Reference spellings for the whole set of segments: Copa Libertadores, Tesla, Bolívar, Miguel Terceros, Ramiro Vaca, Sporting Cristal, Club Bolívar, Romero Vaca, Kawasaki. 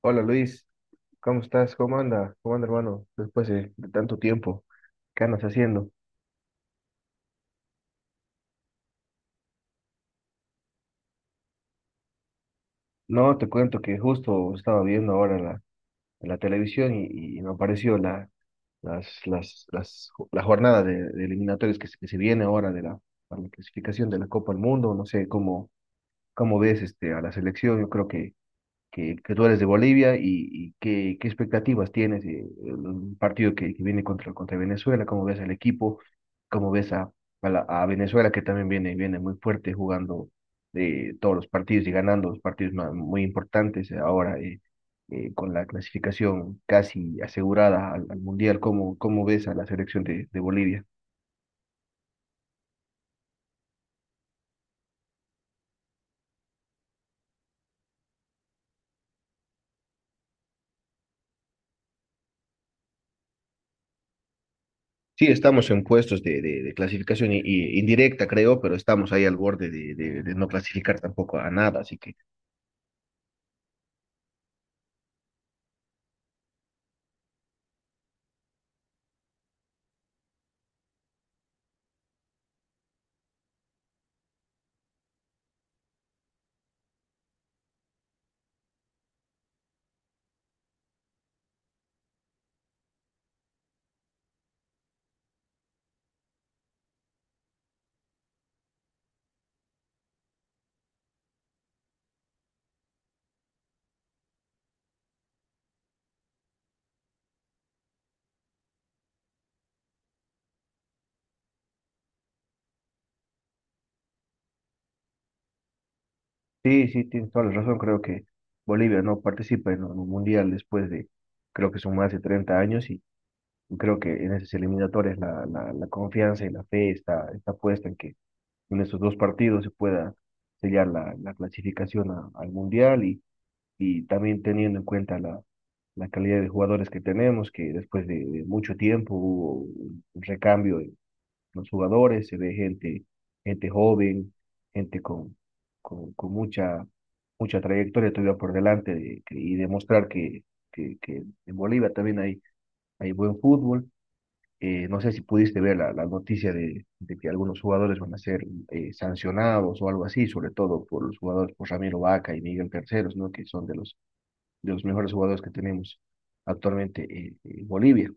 Hola Luis, ¿cómo estás? ¿Cómo anda? ¿Cómo anda hermano? Después de tanto tiempo, ¿qué andas haciendo? No, te cuento que justo estaba viendo ahora la televisión y me apareció la, las, ju- la jornada de eliminatorias que se viene ahora para la clasificación de la Copa del Mundo. No sé cómo ves a la selección. Yo creo que tú eres de Bolivia y qué expectativas tienes un partido que viene contra Venezuela, cómo ves al equipo, cómo ves a Venezuela que también viene muy fuerte jugando todos los partidos y ganando los partidos muy importantes ahora con la clasificación casi asegurada al Mundial. Cómo ves a la selección de Bolivia? Sí, estamos en puestos de clasificación indirecta, creo, pero estamos ahí al borde de no clasificar tampoco a nada, así que sí, sí, tienes toda la razón. Creo que Bolivia no participa en un mundial después creo que son más de 30 años, y creo que en esas eliminatorias la confianza y la fe está puesta en que en estos dos partidos se pueda sellar la clasificación al mundial. Y también teniendo en cuenta la calidad de jugadores que tenemos, que después de mucho tiempo hubo un recambio los jugadores, se ve gente, gente joven, gente con mucha trayectoria todavía por delante y demostrar que en Bolivia también hay buen fútbol. No sé si pudiste ver la noticia de que algunos jugadores van a ser sancionados o algo así, sobre todo por los jugadores, por Ramiro Vaca y Miguel Terceros, ¿no? Que son de los mejores jugadores que tenemos actualmente, en Bolivia.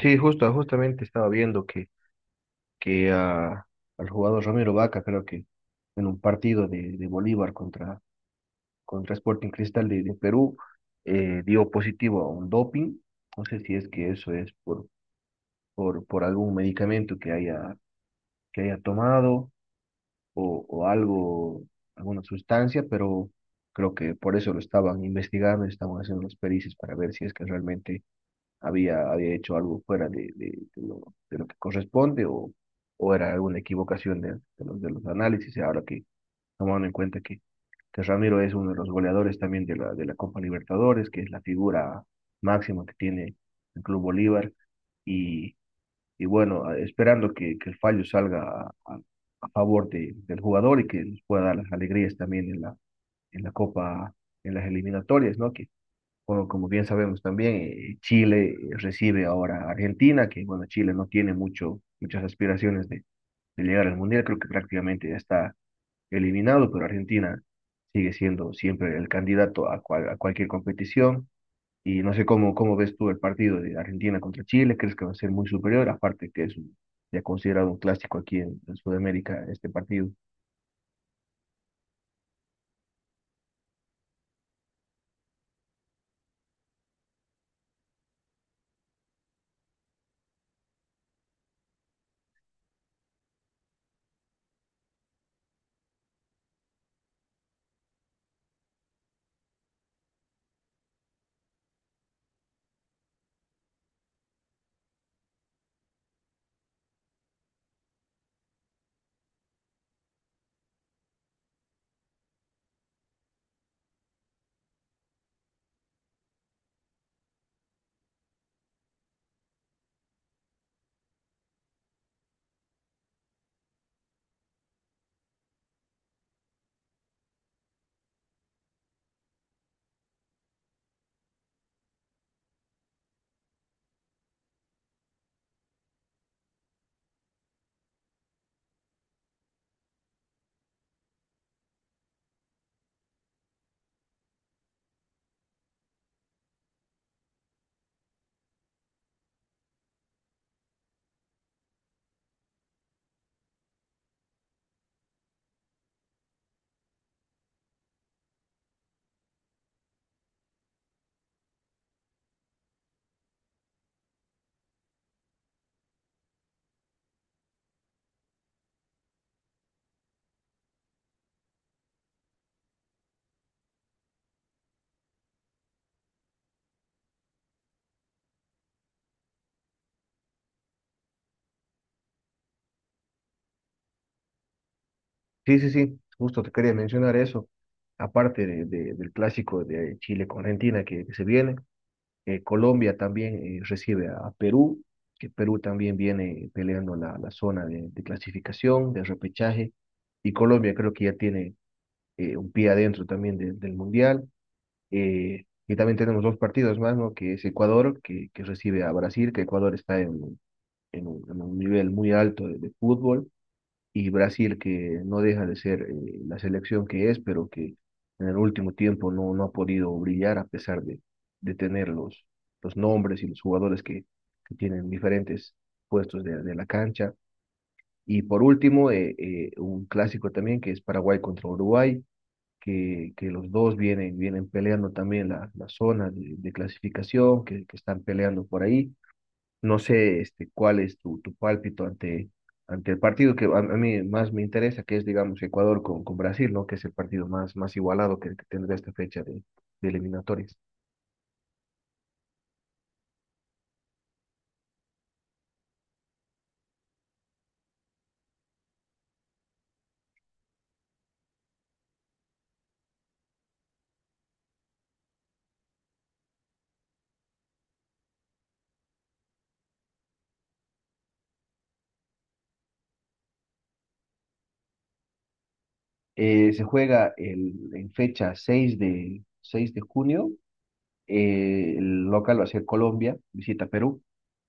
Sí, justo, justamente estaba viendo que al jugador Romero Vaca, creo que en un partido de Bolívar contra Sporting Cristal de Perú, dio positivo a un doping. No sé si es que eso es por algún medicamento que haya tomado o algo, alguna sustancia, pero creo que por eso lo estaban investigando, estaban haciendo las pericias para ver si es que realmente había hecho algo fuera de lo que corresponde, o era alguna equivocación de los análisis. Y ahora que, tomando en cuenta que Ramiro es uno de los goleadores también de la Copa Libertadores, que es la figura máxima que tiene el Club Bolívar. Y, y bueno, esperando que el fallo salga a favor del jugador y que nos pueda dar las alegrías también en la Copa, en las eliminatorias, ¿no? Bueno, como bien sabemos también, Chile recibe ahora a Argentina, que bueno, Chile no tiene mucho, muchas aspiraciones de llegar al Mundial, creo que prácticamente ya está eliminado, pero Argentina sigue siendo siempre el candidato a cualquier competición. Y no sé cómo ves tú el partido de Argentina contra Chile. ¿Crees que va a ser muy superior? Aparte que es ya considerado un clásico aquí en Sudamérica este partido. Sí, sí, sí, justo te quería mencionar eso, aparte del clásico de Chile con Argentina que se viene. Colombia también recibe a Perú, que Perú también viene peleando la zona de clasificación, de repechaje, y Colombia creo que ya tiene, un pie adentro también del Mundial. Y también tenemos dos partidos más, ¿no? Que es Ecuador, que recibe a Brasil, que Ecuador está en un nivel muy alto de fútbol, y Brasil, que no deja de ser, la selección que es, pero que en el último tiempo no ha podido brillar a pesar de tener los nombres y los jugadores que tienen diferentes puestos de la cancha. Y por último, un clásico también que es Paraguay contra Uruguay, que los dos vienen, peleando también la zona de clasificación, que están peleando por ahí. No sé cuál es tu pálpito ante el partido que a mí más me interesa, que es, digamos, Ecuador con Brasil, ¿no? Que es el partido más igualado que tendrá esta fecha de eliminatorias. Se juega en fecha seis de junio. El local va a ser Colombia, visita Perú.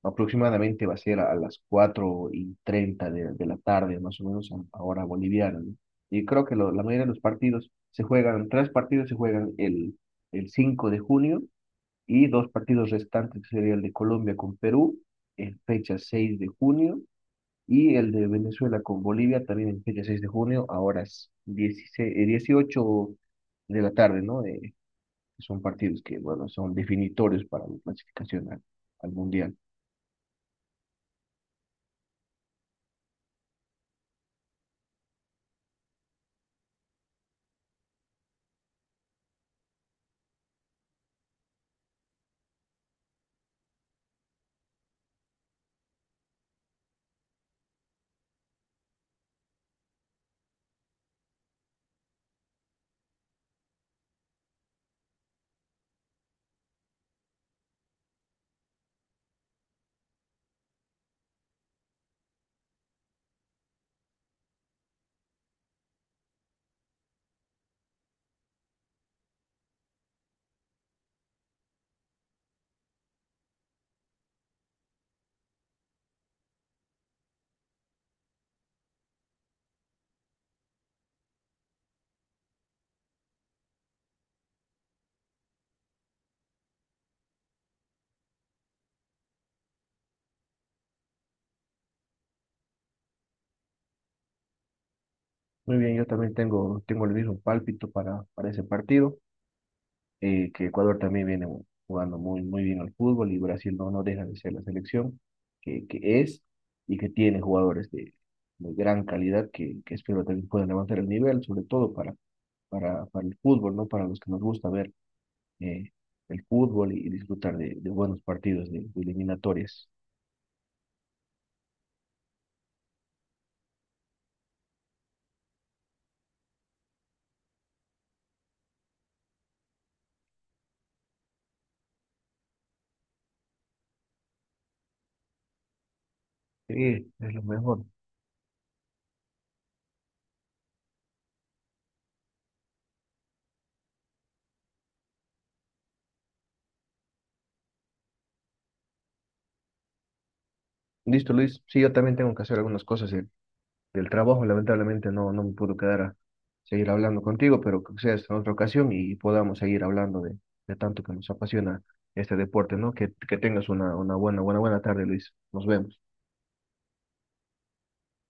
Aproximadamente va a ser a las 4:30 de la tarde, más o menos a hora boliviana, ¿no? Y creo que la mayoría de los partidos se juegan, tres partidos se juegan el 5 de junio y dos partidos restantes, que sería el de Colombia con Perú en fecha 6 de junio y el de Venezuela con Bolivia también en fecha 6 de junio a horas 16, 18 de la tarde, ¿no? Que son partidos que, bueno, son definitorios para la clasificación al Mundial. Muy bien, yo también tengo, tengo el mismo pálpito para ese partido, que Ecuador también viene jugando muy, muy bien al fútbol, y Brasil no deja de ser la selección que es y que tiene jugadores de gran calidad que espero también puedan levantar el nivel, sobre todo para el fútbol, ¿no? Para los que nos gusta ver, eh, el fútbol y disfrutar de buenos partidos, de eliminatorias. Sí, es lo mejor. Listo, Luis. Sí, yo también tengo que hacer algunas cosas del trabajo. Lamentablemente no me puedo quedar a seguir hablando contigo, pero que sea en otra ocasión y podamos seguir hablando de tanto que nos apasiona este deporte, ¿no? Que tengas una buena, buena, buena tarde, Luis. Nos vemos.